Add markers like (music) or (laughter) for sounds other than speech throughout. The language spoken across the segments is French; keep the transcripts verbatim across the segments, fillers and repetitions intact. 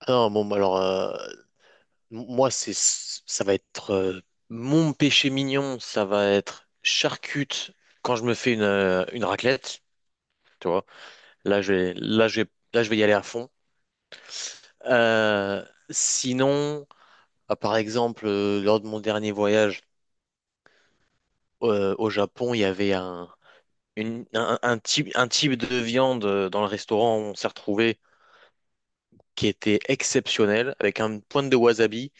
Ah Non, bon, bah alors, euh, m- moi, c'est, ça va être euh, mon péché mignon, ça va être charcute quand je me fais une, euh, une raclette, tu vois. Là, je vais, là, je vais, là, je vais y aller à fond. Euh, sinon, ah, par exemple, euh, lors de mon dernier voyage euh, au Japon, il y avait un, une- un, un type, un type de viande euh, dans le restaurant où on s'est retrouvé qui était exceptionnel, avec un pointe de wasabi.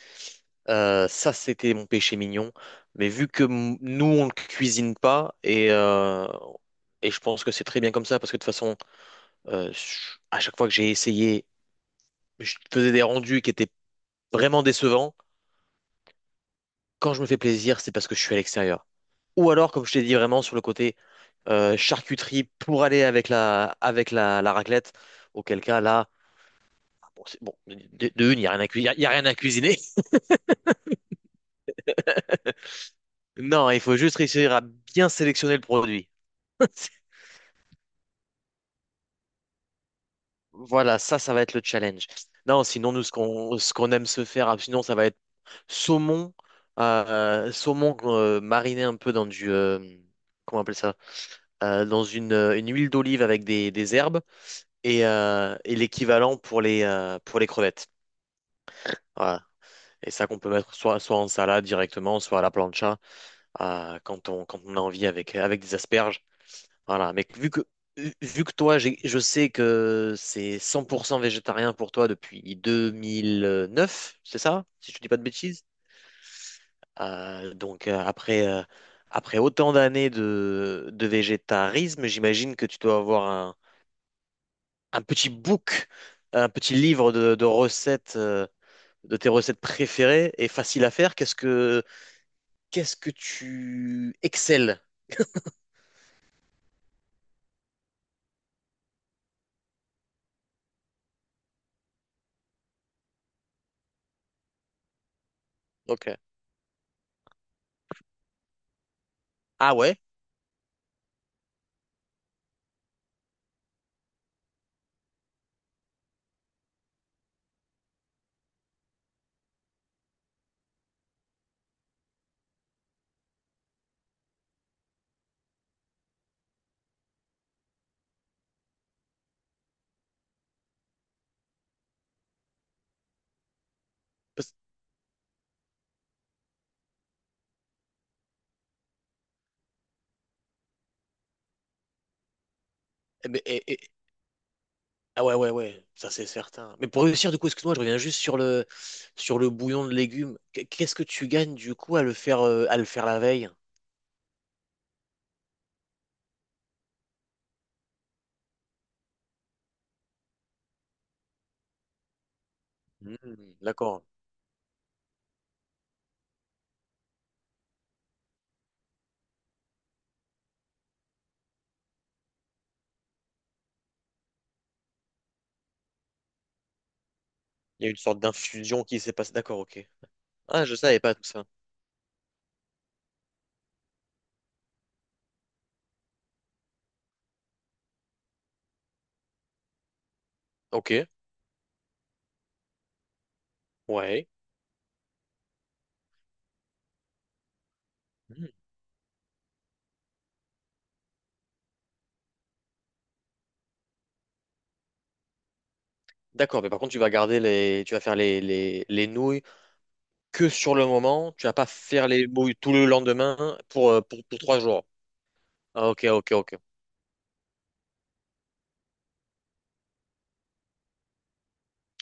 Euh, ça, c'était mon péché mignon. Mais vu que m- nous, on ne cuisine pas, et, euh, et je pense que c'est très bien comme ça, parce que de toute façon, euh, je- à chaque fois que j'ai essayé, je faisais des rendus qui étaient vraiment décevants. Quand je me fais plaisir, c'est parce que je suis à l'extérieur. Ou alors, comme je t'ai dit, vraiment sur le côté euh, charcuterie pour aller avec la, avec la, la raclette, auquel cas là, bon, c'est- bon, de, de une, il n'y a rien à cui- il y a- il y a rien à cuisiner. (laughs) Non, il faut juste réussir à bien sélectionner le produit. Voilà, ça, ça va être le challenge. Non, sinon, nous, ce qu'on ce qu'on aime se faire, ah, sinon, ça va être saumon, euh, saumon euh, mariné un peu dans du. euh, comment on appelle ça? Euh, dans une, euh, une huile d'olive avec des, des herbes et, euh, et l'équivalent pour les, euh, pour les crevettes. Voilà. Et ça qu'on peut mettre soit, soit en salade directement, soit à la plancha, euh, quand on, quand on a envie avec, avec des asperges. Voilà, mais vu que, vu que toi, j'ai- je sais que c'est cent pour cent végétarien pour toi depuis deux mille neuf, c'est ça? Si je ne dis pas de bêtises. Euh, donc euh, après, euh, après autant d'années de, de végétarisme, j'imagine que tu dois avoir un, un petit book, un petit livre de, de recettes, euh, de tes recettes préférées et faciles à faire. Qu'est-ce que, qu'est-ce que tu excelles? Ok. Ah ouais? Parce- eh ben, Et, Ah ouais, ouais, ouais, ça c'est certain. Mais pour réussir, du coup, excuse-moi, je reviens juste sur le, sur le bouillon de légumes. Qu- Qu'est-ce que tu gagnes, du coup, à le faire, euh, à le faire la veille? Hmm, d'accord. Il y a une sorte d'infusion qui s'est passée. D'accord, ok. Ah, je savais pas tout ça. Ok, ouais. Hmm. D'accord, mais par contre, tu vas garder les, tu vas faire les, les, les nouilles que sur le moment. Tu vas pas faire les nouilles tout le lendemain pour, euh, pour, pour trois jours. Ah, ok, ok, ok.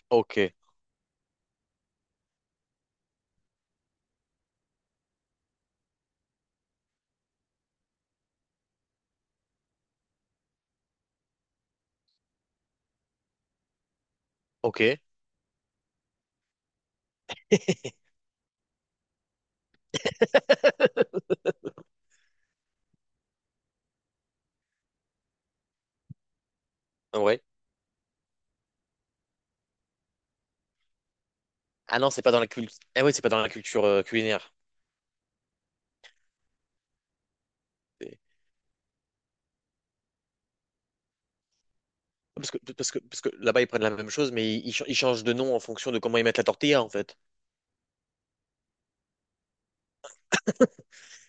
Ok, ok. (laughs) Ouais. Ah non, c'est pas dans la culture. Ah oui, c'est pas dans la culture euh, culinaire. C'est- Parce que, parce que, parce que là-bas, ils prennent la même chose, mais ils, ils ch- ils changent de nom en fonction de comment ils mettent la tortilla, en fait.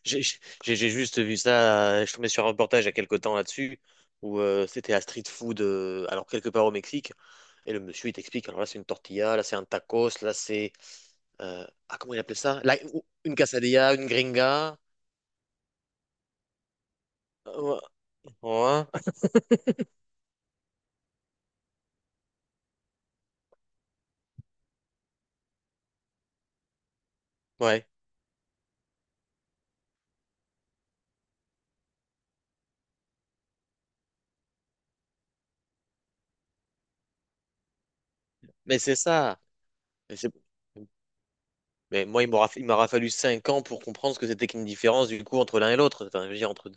J'ai j'ai- j'ai juste vu ça, euh, je suis tombé sur un reportage il y a quelques temps là-dessus, où euh, c'était à street food, euh, alors quelque part au Mexique, et le monsieur, il t'explique, alors là, c'est une tortilla, là, c'est un tacos, là, c'est... euh, ah, comment il appelait ça? Là, ou- une quesadilla, une gringa. euh, Ouais. Ouais. (laughs) Ouais. Mais c'est ça. Mais c'est- Mais moi, il m'aura, il m'aura fallu cinq ans pour comprendre ce que c'était qu'une différence du coup entre l'un et l'autre. Enfin, je veux dire, entre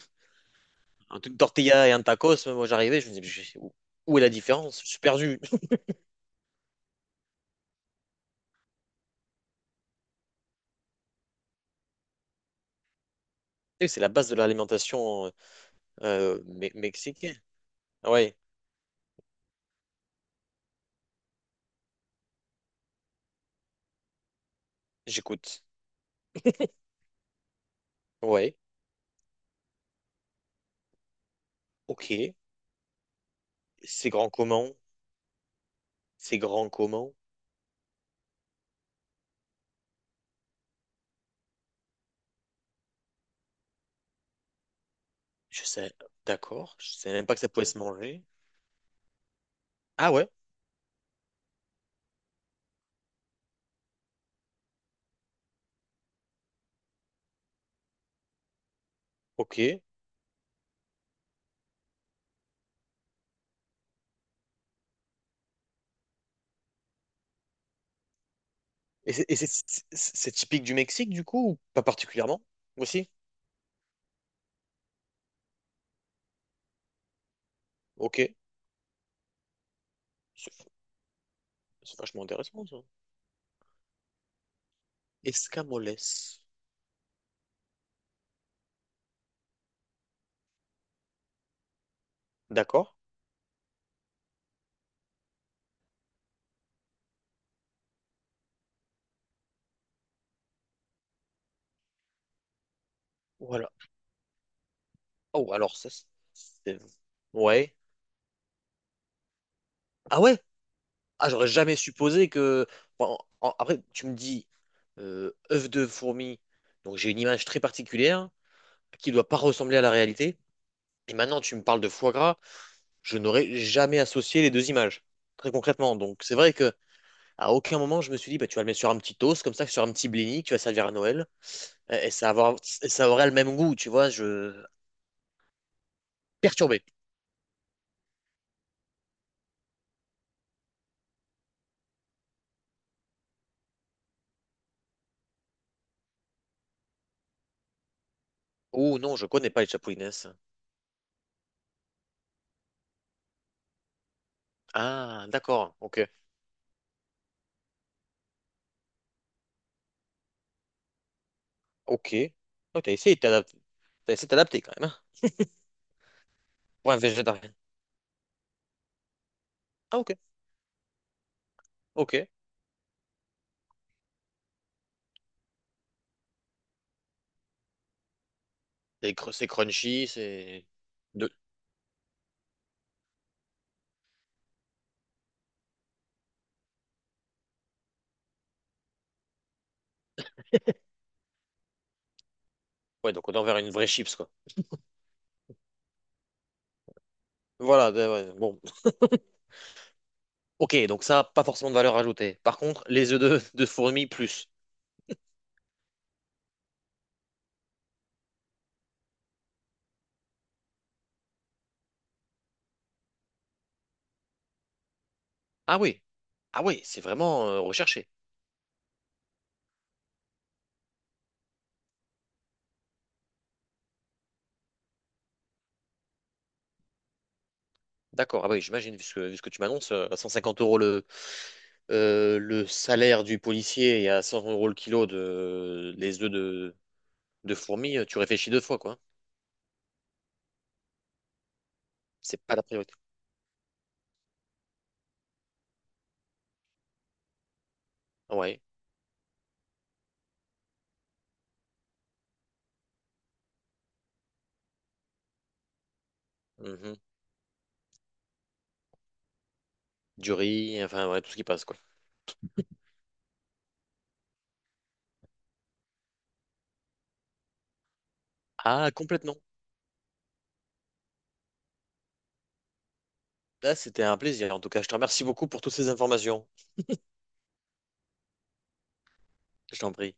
un truc tortilla et un tacos, moi j'arrivais, je me disais, je- où, où est la différence? Je suis perdu. (laughs) Et c'est la base de l'alimentation euh, euh, me- mexicaine. Ah ouais, j'écoute. Ouais, ok. C'est grand comment? C'est grand comment? Je sais, d'accord. Je savais même pas que ça pouvait se manger. Ah ouais, ok. Et c'est et c'est- c'est- c'est typique du Mexique du coup ou pas particulièrement? Aussi? Ok. C'est c'est vachement intéressant ça. Escamoles. D'accord? Voilà. Oh, alors ça, c'est... Ouais. Ah ouais? Ah, j'aurais jamais supposé que... Bon, en- en- après, tu me dis, euh, œuf de fourmi, donc j'ai une image très particulière qui doit pas ressembler à la réalité. Et maintenant, tu me parles de foie gras, je n'aurais jamais associé les deux images, très concrètement. Donc c'est vrai que à aucun moment, je me suis dit, bah, tu vas le mettre sur un petit toast, comme ça, sur un petit blini, que tu vas servir à Noël, et et ça, va avoir- et ça aurait le même goût, tu vois, je... Perturbé. Oh non, je connais pas les Chapouines. Ah, d'accord, ok. Ok. Oh, t'as essayé de t'adapter. T'as essayé de t'adapter quand même, hein, pour un végétarien. Ah, ok, ok. C'est cr- c'est crunchy, c'est. De... Ouais, donc on est envers une vraie chips, quoi. Voilà, de- ouais, bon. Ok, donc ça, pas forcément de valeur ajoutée. Par contre, les œufs de, de fourmi, plus. Ah oui, ah oui, c'est vraiment euh, recherché. D'accord, ah oui, j'imagine, vu ce que, vu ce que tu m'annonces, euh, à cent cinquante euros le, euh, le salaire du policier et à cent euros le kilo de, les œufs de, de fourmis, euh, tu réfléchis deux fois, quoi. C'est pas la priorité. Ouais. Mhm. Du riz, enfin, ouais, tout ce qui passe, quoi. Ah, complètement. Là, c'était un plaisir. En tout cas, je te remercie beaucoup pour toutes ces informations. Je t'en prie.